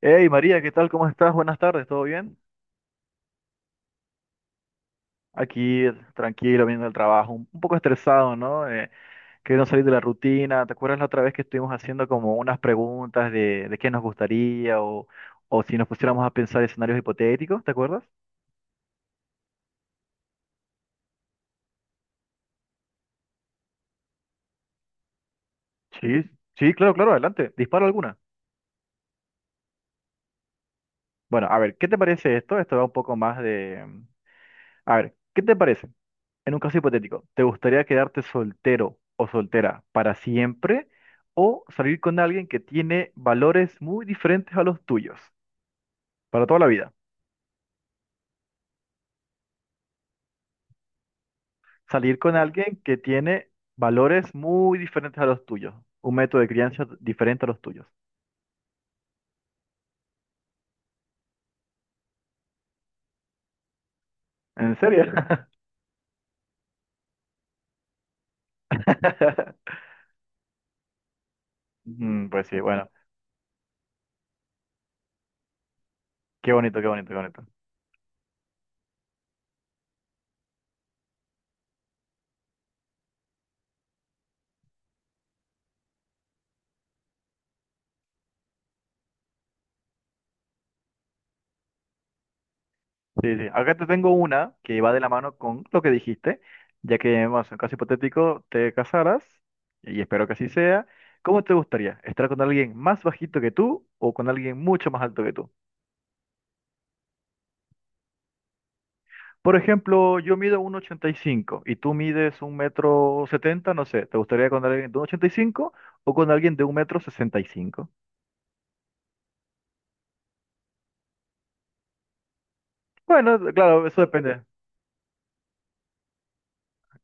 Hey María, ¿qué tal? ¿Cómo estás? Buenas tardes, ¿todo bien? Aquí tranquilo, viendo el trabajo, un poco estresado, ¿no? Queriendo salir de la rutina. ¿Te acuerdas la otra vez que estuvimos haciendo como unas preguntas de qué nos gustaría o si nos pusiéramos a pensar escenarios hipotéticos? ¿Te acuerdas? Sí, sí, claro, claro, adelante. Disparo alguna. Bueno, a ver, ¿qué te parece esto? Esto va un poco más de. A ver, ¿qué te parece? En un caso hipotético, ¿te gustaría quedarte soltero o soltera para siempre o salir con alguien que tiene valores muy diferentes a los tuyos para toda la vida? Salir con alguien que tiene valores muy diferentes a los tuyos, un método de crianza diferente a los tuyos. ¿En serio? Pues sí, bueno, qué bonito, qué bonito, qué bonito. Sí, sí. Acá te tengo una que va de la mano con lo que dijiste, ya que, bueno, es un caso hipotético, te casaras, y espero que así sea. ¿Cómo te gustaría? ¿Estar con alguien más bajito que tú o con alguien mucho más alto que tú? Por ejemplo, yo mido 1,85 y cinco y tú mides 1,70 m no sé. ¿Te gustaría con alguien de 1,85 o con alguien de 1,65 m? Bueno, claro, eso depende.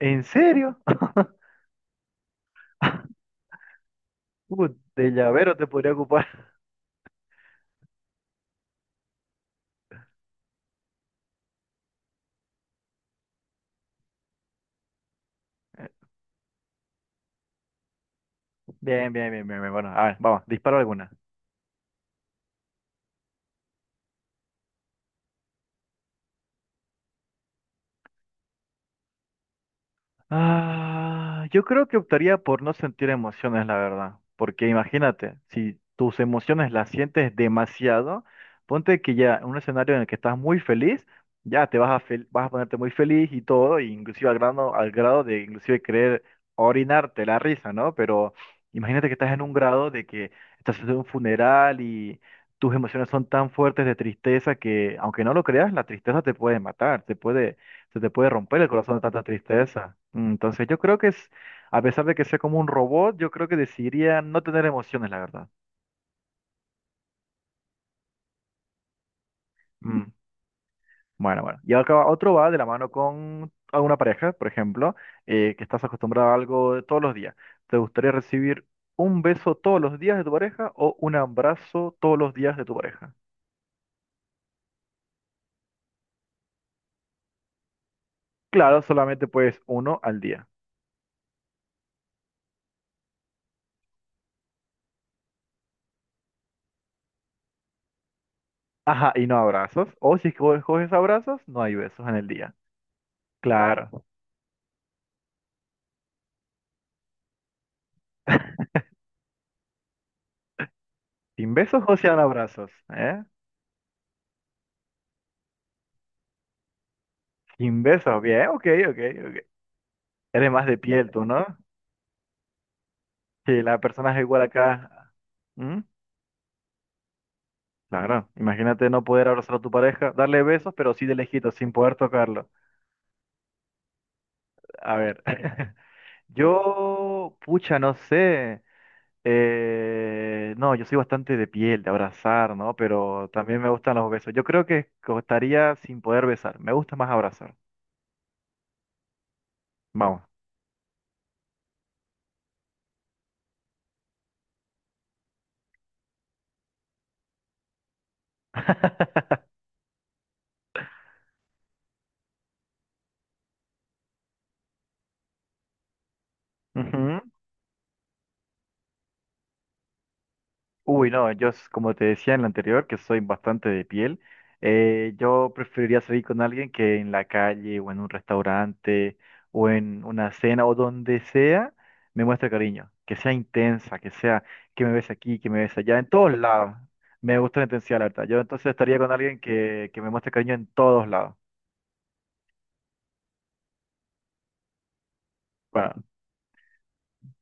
¿En serio? Uh, de llavero te podría ocupar. Bien, bien, bien, bien, bien. Bueno, a ver, vamos, dispara alguna. Ah, yo creo que optaría por no sentir emociones, la verdad. Porque imagínate, si tus emociones las sientes demasiado, ponte que ya en un escenario en el que estás muy feliz, ya te vas a, vas a ponerte muy feliz y todo, e inclusive al grado de inclusive querer orinarte la risa, ¿no? Pero imagínate que estás en un grado de que estás en un funeral y tus emociones son tan fuertes de tristeza que, aunque no lo creas, la tristeza te puede matar, te puede se te puede romper el corazón de tanta tristeza. Entonces yo creo que es, a pesar de que sea como un robot, yo creo que decidiría no tener emociones, la verdad. Mm, Bueno, bueno. Y acá otro va de la mano con alguna pareja, por ejemplo, que estás acostumbrado a algo de todos los días. ¿Te gustaría recibir un beso todos los días de tu pareja o un abrazo todos los días de tu pareja? Claro, solamente puedes uno al día. Ajá, y no abrazos. O si coges abrazos, no hay besos en el día. Claro. ¿Sin besos o sean abrazos? ¿Eh? Kim Beso, bien, ok, ok, ok. Eres más de piel tú, ¿no? Sí, la persona es igual acá. ¿Mm? Claro, imagínate no poder abrazar a tu pareja, darle besos, pero sí de lejito, sin poder tocarlo. A ver, yo, pucha, no sé. No, yo soy bastante de piel, de abrazar, ¿no? Pero también me gustan los besos. Yo creo que costaría sin poder besar. Me gusta más abrazar. Vamos. Ujú. Uy, no, como te decía en la anterior, que soy bastante de piel, yo preferiría salir con alguien que en la calle o en un restaurante o en una cena o donde sea me muestre cariño, que sea intensa, que sea que me ves aquí, que me ves allá, en todos lados. Me gusta la intensidad, la verdad. Yo entonces estaría con alguien que me muestre cariño en todos lados. Bueno,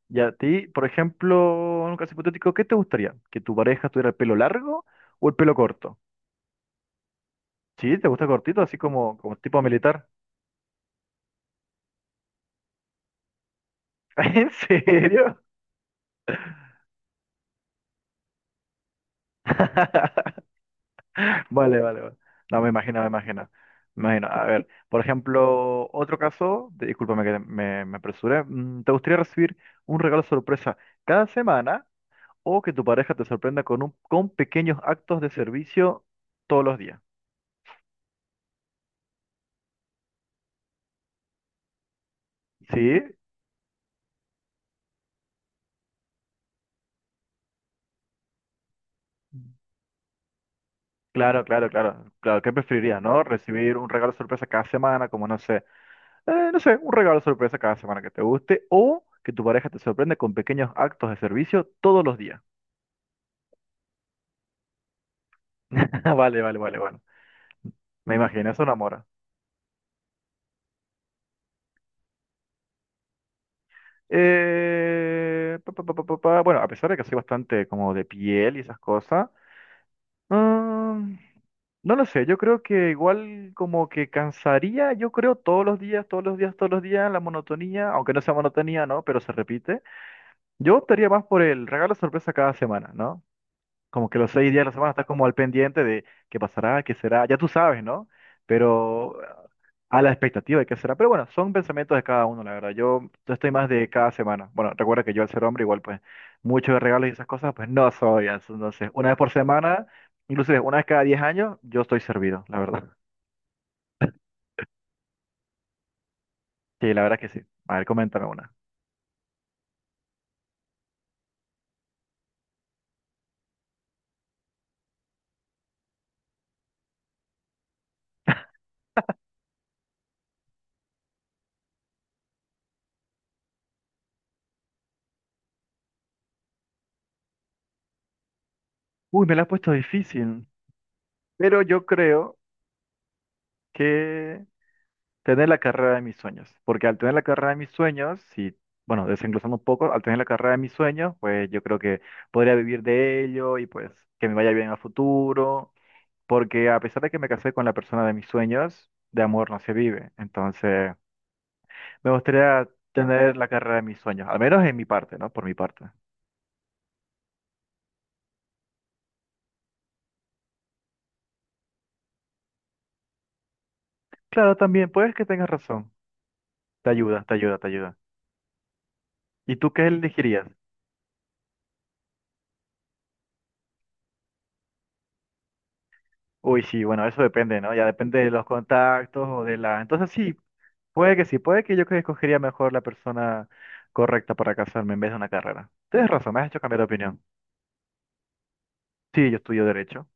y a ti, por ejemplo, en un caso hipotético, ¿qué te gustaría? ¿Que tu pareja tuviera el pelo largo o el pelo corto? Sí, ¿te gusta cortito, así como, como tipo militar? ¿En serio? Vale, vale, vale. No, me imagino, me imagino. Me imagino. A ver, por ejemplo, otro caso, discúlpame me apresuré. ¿Te gustaría recibir un regalo sorpresa cada semana o que tu pareja te sorprenda con pequeños actos de servicio todos los días? ¿Sí? Claro, claro, claro. Claro, ¿qué preferirías, no? Recibir un regalo sorpresa cada semana, como no sé. No sé, un regalo sorpresa cada semana que te guste o que tu pareja te sorprende con pequeños actos de servicio todos los días. Vale, vale, vale, bueno. Me imagino, eso enamora. Pa, pa, pa, pa, pa, pa. Bueno, a pesar de que soy bastante como de piel y esas cosas, mm, no lo sé, yo creo que igual como que cansaría, yo creo todos los días, todos los días, todos los días, la monotonía, aunque no sea monotonía, ¿no? Pero se repite. Yo optaría más por el regalo sorpresa cada semana, ¿no? Como que los seis días de la semana estás como al pendiente de qué pasará, qué será, ya tú sabes, ¿no? Pero eh, a la expectativa de qué será. Pero bueno, son pensamientos de cada uno, la verdad. Yo estoy más de cada semana. Bueno, recuerda que yo al ser hombre igual, pues, muchos de regalos y esas cosas, pues no soy. Entonces, una vez por semana, inclusive una vez cada 10 años, yo estoy servido, la verdad. Sí, la verdad que sí. A ver, coméntame una. Uy, me la has puesto difícil, pero yo creo que... Tener la carrera de mis sueños, porque al tener la carrera de mis sueños, si, bueno, desenglosando un poco, al tener la carrera de mis sueños, pues yo creo que podría vivir de ello y pues que me vaya bien a futuro, porque a pesar de que me casé con la persona de mis sueños, de amor no se vive, entonces me gustaría tener la carrera de mis sueños, al menos en mi parte, ¿no? Por mi parte. Claro, también, puedes que tengas razón, te ayuda, te ayuda, te ayuda. ¿Y tú qué elegirías? Uy, sí, bueno, eso depende, ¿no? Ya depende de los contactos o de la... Entonces sí. Puede que sí, puede que yo que escogería mejor la persona correcta para casarme en vez de una carrera. Tienes razón, me has hecho cambiar de opinión. Sí, yo estudio derecho.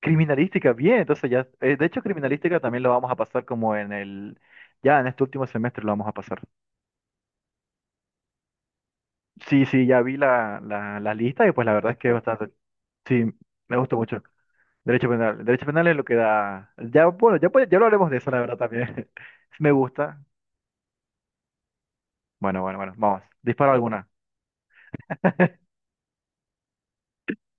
Criminalística, bien, entonces ya, de hecho criminalística también lo vamos a pasar como en el, ya en este último semestre lo vamos a pasar. Sí, sí, ya vi la lista y pues la verdad es que es bastante, sí, me gustó mucho. Derecho penal es lo que da, ya, bueno, ya, ya lo haremos de eso la verdad también. Me gusta. Bueno, bueno, bueno, vamos, dispara alguna.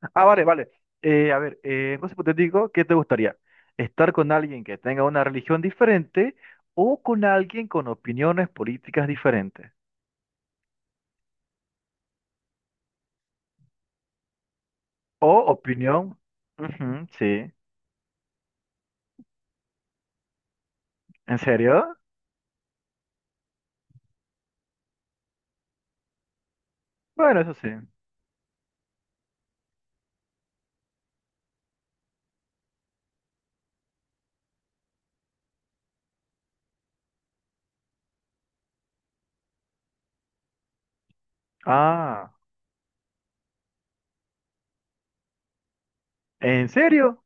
Ah, vale, vale. En caso hipotético, ¿qué te gustaría? ¿Estar con alguien que tenga una religión diferente o con alguien con opiniones políticas diferentes? ¿O opinión? Ujú, sí. ¿En serio? Bueno, eso sí. Ah, ¿en serio?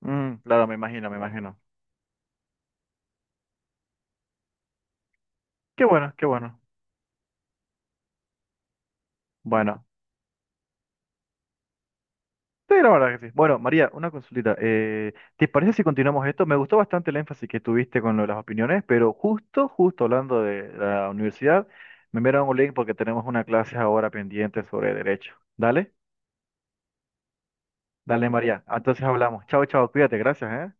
Claro, me imagino, me imagino. Qué bueno, qué bueno. Bueno. Sí, la verdad que sí. Bueno, María, una consultita. ¿Te parece si continuamos esto? Me gustó bastante el énfasis que tuviste con lo de las opiniones, pero justo, justo hablando de la universidad, me enviaron un link porque tenemos una clase ahora pendiente sobre derecho. Dale, dale, María. Entonces hablamos. Chao, chao, cuídate, gracias, ¿eh?